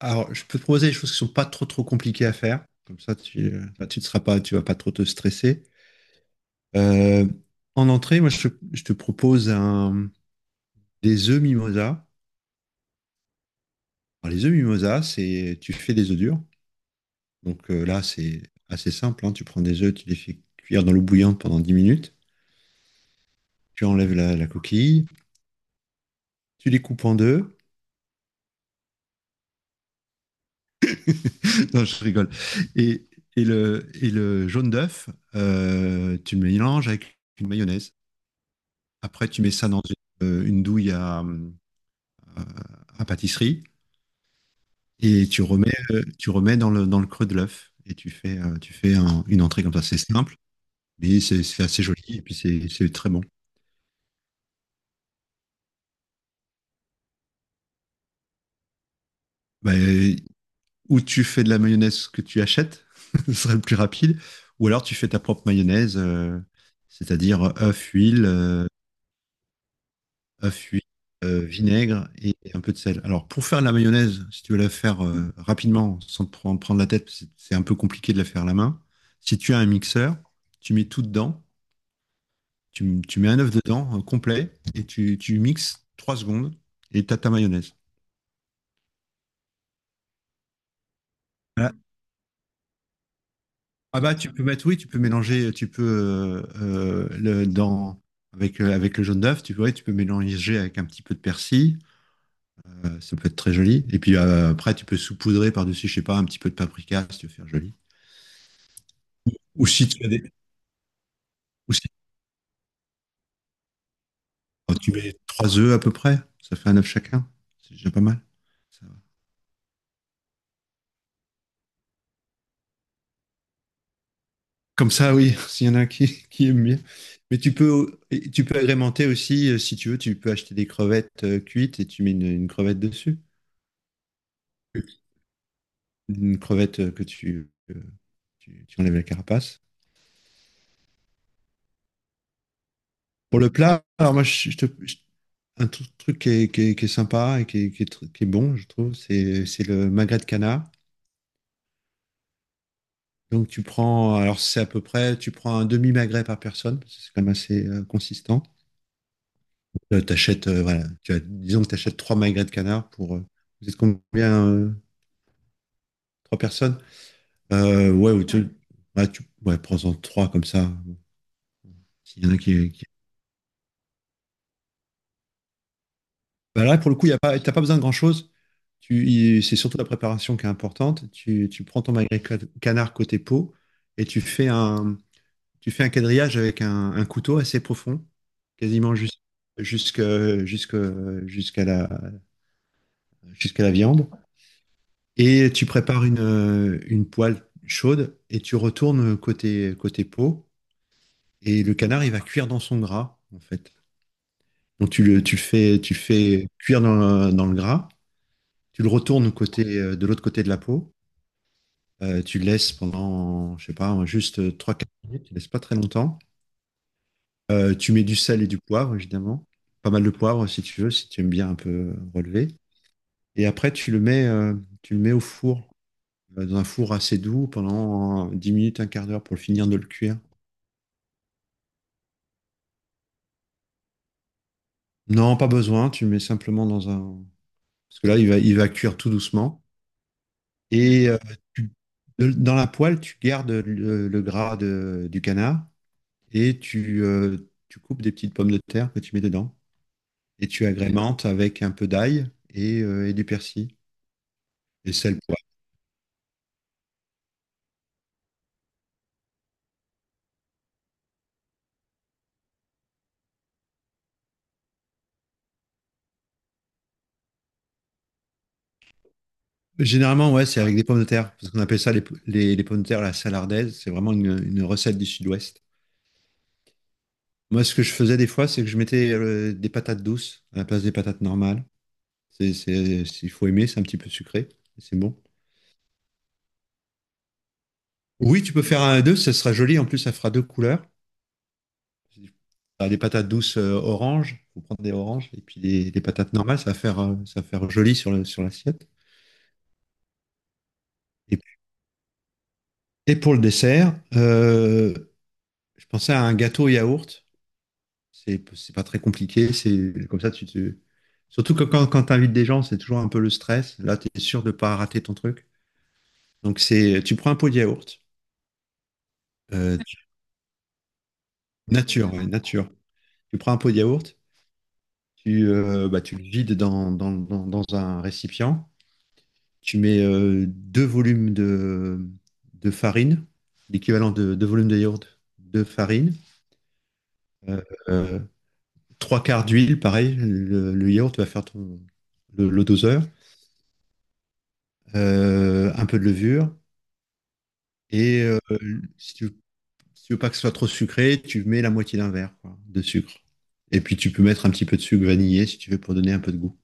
Alors, je peux te proposer des choses qui sont pas trop trop compliquées à faire. Comme ça, tu, tu ne seras pas, tu vas pas trop te stresser. Euh, En entrée, moi, je te propose des œufs mimosa. Alors, les œufs mimosa, c'est, tu fais des œufs durs. Donc là, c'est assez simple, hein. Tu prends des œufs, tu les fais cuire dans l'eau bouillante pendant 10 minutes. Tu enlèves la, la coquille, tu les coupes en deux. Non, je rigole. Et, et le jaune d'œuf, tu le mélanges avec une mayonnaise. Après, tu mets ça dans une douille à pâtisserie et tu remets dans le creux de l'œuf et tu fais une entrée comme ça. C'est simple, mais c'est assez joli et puis c'est très bon. Bah, ou tu fais de la mayonnaise que tu achètes, ce serait le plus rapide, ou alors tu fais ta propre mayonnaise, c'est-à-dire œuf, huile, à fuir, vinaigre et un peu de sel. Alors, pour faire la mayonnaise, si tu veux la faire rapidement, sans te prendre, prendre la tête, c'est un peu compliqué de la faire à la main. Si tu as un mixeur, tu mets tout dedans, tu mets un œuf dedans, complet, et tu mixes 3 secondes, et tu as ta mayonnaise. Voilà. Ah bah, tu peux mettre, oui, tu peux mélanger, tu peux, le, dans, avec, avec le jaune d'œuf, tu, ouais, tu peux mélanger avec un petit peu de persil. Ça peut être très joli. Et puis après, tu peux saupoudrer par-dessus, je sais pas, un petit peu de paprika si tu veux faire joli. Ou, si tu as des. Ou si- oh, tu mets trois œufs à peu près, ça fait un œuf chacun. C'est déjà pas mal. Ça va. Comme ça, oui, s'il y en a qui aiment bien. Mais tu peux, et tu peux agrémenter aussi, si tu veux, tu peux acheter des crevettes cuites et tu mets une crevette dessus. Une crevette que tu, tu enlèves la carapace. Pour le plat, alors moi, je, je. Un truc qui est, qui est sympa et qui est, qui est bon, je trouve, c'est le magret de canard. Donc tu prends, alors c'est à peu près, tu prends un demi-magret par personne, parce que c'est quand même assez consistant. T'achètes, voilà, tu as, disons que tu achètes trois magrets de canard pour, vous êtes combien, trois personnes? Ouais, ou tu, ouais, ouais, prends-en trois comme ça. S'il y en a qui, Bah là, pour le coup, y a pas, t'as pas besoin de grand-chose. Tu, c'est surtout la préparation qui est importante. Tu prends ton magret canard côté peau et tu fais un. Tu fais un quadrillage avec un couteau assez profond, quasiment jusque- jusque- jusqu'à la, jusqu'à la viande. Et tu prépares une poêle chaude et tu retournes côté, côté peau. Et le canard, il va cuire dans son gras, en fait. Donc tu le fais cuire dans, dans le gras. Tu le retournes côté, de l'autre côté de la peau. Tu le laisses pendant, je sais pas, juste trois 4 minutes. Tu le laisses pas très longtemps. Tu mets du sel et du poivre, évidemment. Pas mal de poivre si tu veux, si tu aimes bien un peu relever. Et après, tu le mets au four, dans un four assez doux pendant 10 minutes, un quart d'heure pour finir de le cuire. Non, pas besoin, tu le mets simplement dans un... Parce que là, il va cuire tout doucement. Et tu- dans la poêle, tu gardes le gras du canard et tu, tu coupes des petites pommes de terre que tu mets dedans. Et tu agrémentes avec un peu d'ail et du persil. Et sel. Généralement, ouais, c'est avec des pommes de terre, parce qu'on appelle ça les, les pommes de terre à la salardaise. C'est vraiment une recette du sud-ouest. Moi, ce que je faisais des fois, c'est que je mettais des patates douces à la place des patates normales. Il faut aimer, c'est un petit peu sucré, mais c'est bon. Oui, tu peux faire un à deux, ça sera joli. En plus, ça fera deux couleurs. T'as des patates douces orange, faut prendre des oranges, et puis des patates normales, ça va faire joli sur sur l'assiette. Et, et pour le dessert, je pensais à un gâteau yaourt. C'est pas très compliqué. C'est comme ça, tu te... Surtout que quand, quand tu invites des gens, c'est toujours un peu le stress. Là, tu es sûr de pas rater ton truc. Donc, c'est, tu prends un pot de yaourt. euh, tu- Nature, ouais, nature. Tu prends un pot de yaourt, tu, bah, tu le vides dans, dans un récipient. Tu mets deux volumes de farine, l'équivalent de deux volumes de yaourt de farine. Euh, euh, Trois quarts d'huile, pareil. Le yaourt va faire ton, le doseur. Un peu de levure, et si tu, si tu veux pas que ce soit trop sucré, tu mets la moitié d'un verre quoi, de sucre. Et puis tu peux mettre un petit peu de sucre vanillé si tu veux pour donner un peu de goût.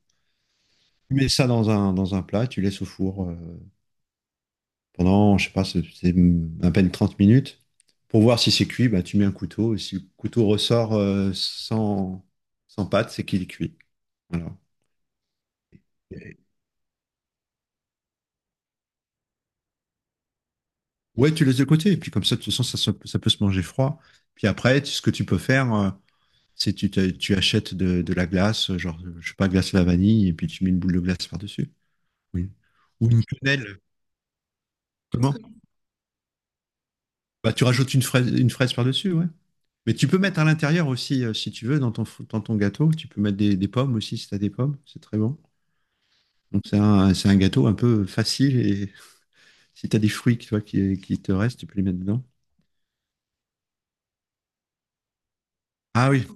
Tu mets ça dans un plat, tu laisses au four pendant, je sais pas, c'est à peine 30 minutes. Pour voir si c'est cuit, bah, tu mets un couteau. Et si le couteau ressort sans, sans pâte, c'est qu'il est cuit. Voilà. Et- Ouais, tu laisses de côté. Et puis comme ça, de toute façon, ça, ça peut se manger froid. Puis après, ce que tu peux faire, c'est tu, tu achètes de la glace, genre, je sais pas, glace à la vanille, et puis tu mets une boule de glace par-dessus. Oui. Ou une quenelle. Comment? Bah, tu rajoutes une fraise par-dessus, ouais. Mais tu peux mettre à l'intérieur aussi, si tu veux, dans ton, dans ton gâteau. Tu peux mettre des pommes aussi, si tu as des pommes. C'est très bon. Donc, c'est un gâteau un peu facile. Et si tu as des fruits toi, qui te restent, tu peux les mettre dedans. Ah oui,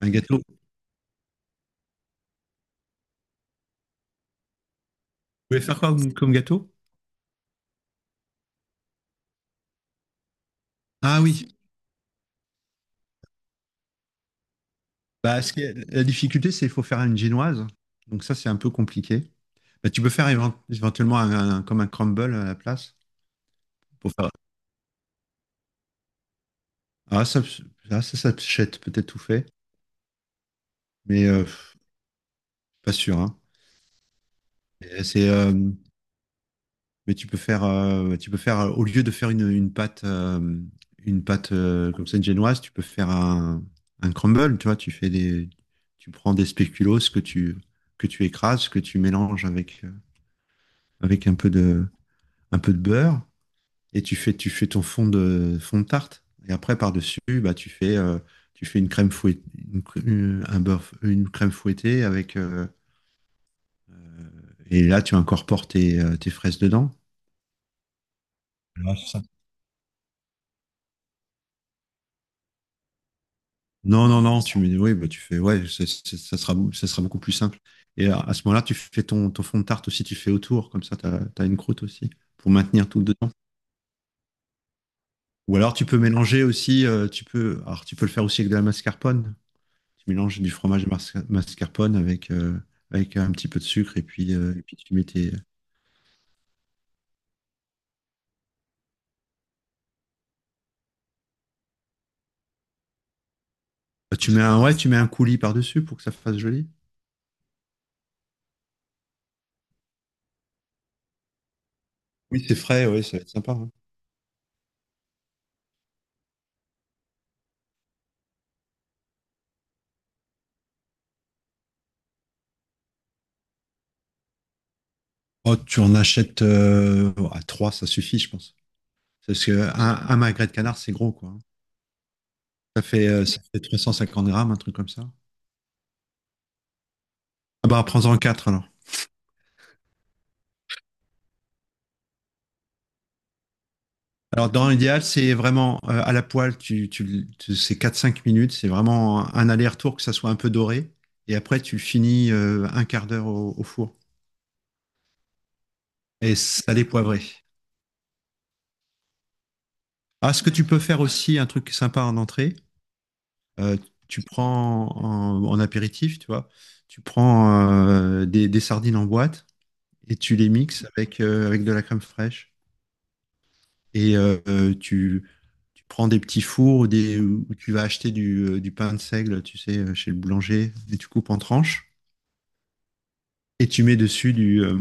un gâteau. Vous pouvez faire quoi comme, comme gâteau? Ah oui. Bah, ce qui la difficulté, c'est qu'il faut faire une génoise. Donc, ça, c'est un peu compliqué. Mais tu peux faire éventuellement un, comme un crumble à la place pour faire. Ah, ça, ah, ça, ça t'achète peut-être tout fait, mais pas sûr, hein. Et C'est, euh, mais tu peux faire, au lieu de faire une, une pâte comme ça une génoise, tu peux faire un crumble. Tu vois, tu fais des, tu prends des spéculoos que tu écrases, que tu mélanges avec avec un peu de beurre et tu fais ton fond de tarte. Et après, par-dessus, bah, tu fais une crème fouettée, une, cr- un beurre, une crème fouettée avec. Et là, tu incorpores tes, tes fraises dedans. Ouais, c'est ça. Non, non, non, tu mets, oui, bah, tu fais, ouais, ça, ça sera, ça sera beaucoup plus simple. Et à ce moment-là, tu fais ton, ton fond de tarte aussi, tu fais autour, comme ça, tu as, une croûte aussi, pour maintenir tout dedans. Ou alors, tu peux mélanger aussi, tu peux, alors, tu peux le faire aussi avec de la mascarpone, tu mélanges du fromage mascarpone avec, avec un petit peu de sucre et puis tu mets tes... Bah, tu mets un, ouais, tu mets un coulis par-dessus pour que ça fasse joli. Oui, c'est frais, ouais, ça va être sympa, hein. Oh, tu en achètes à 3 ça suffit, je pense. Parce que un magret de canard, c'est gros, quoi, hein. Ça fait, 350 grammes, un truc comme ça. Ah bah, prends-en quatre alors. Alors, dans l'idéal, c'est vraiment à la poêle, tu, c'est quatre cinq minutes, c'est vraiment un aller-retour, que ça soit un peu doré. Et après, tu le finis un quart d'heure au, au four. Et salé poivré. Ah, ce que tu peux faire aussi, un truc sympa en entrée, euh, tu prends en, en apéritif, tu vois, tu prends des sardines en boîte et tu les mixes avec, avec de la crème fraîche. Et tu, tu prends des petits fours ou des, où tu vas acheter du pain de seigle, tu sais, chez le boulanger, et tu coupes en tranches et tu mets dessus du, euh,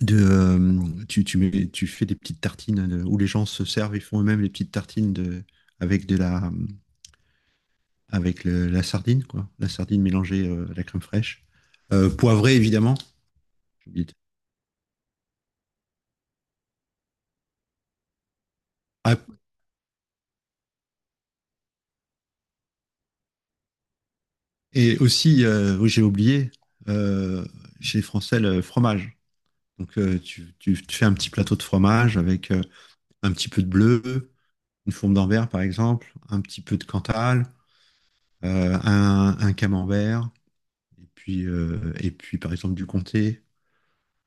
de, euh, tu, tu, mets, tu fais des petites tartines de- où les gens se servent et font eux-mêmes les petites tartines de, avec de la, avec la sardine, quoi. La sardine mélangée à la crème fraîche. Poivrée, évidemment. J'ai oublié de- Ah, et aussi, oui, j'ai oublié, euh, chez les Français, le fromage. Donc, tu, tu fais un petit plateau de fromage avec un petit peu de bleu, une fourme d'envers, par exemple, un petit peu de cantal, un camembert, et puis, par exemple, du comté,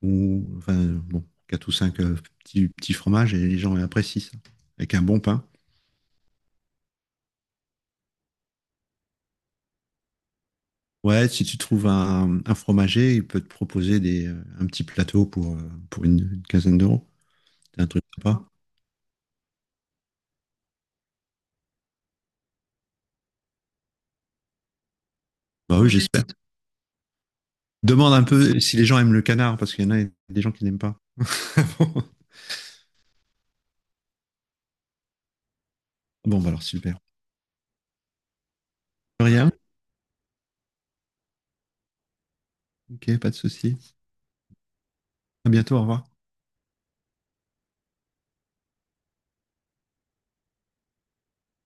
ou enfin, bon, 4 ou 5 petits fromages, et les gens apprécient ça. Avec un bon pain. Ouais, si tu trouves un fromager, il peut te proposer des, un petit plateau pour une quinzaine d'euros. C'est un truc sympa. Bah oui, j'espère. Demande un peu si les gens aiment le canard, parce qu'il y en a des gens qui n'aiment pas. Bon, bah alors super. Rien, ok, pas de souci. À bientôt, au revoir.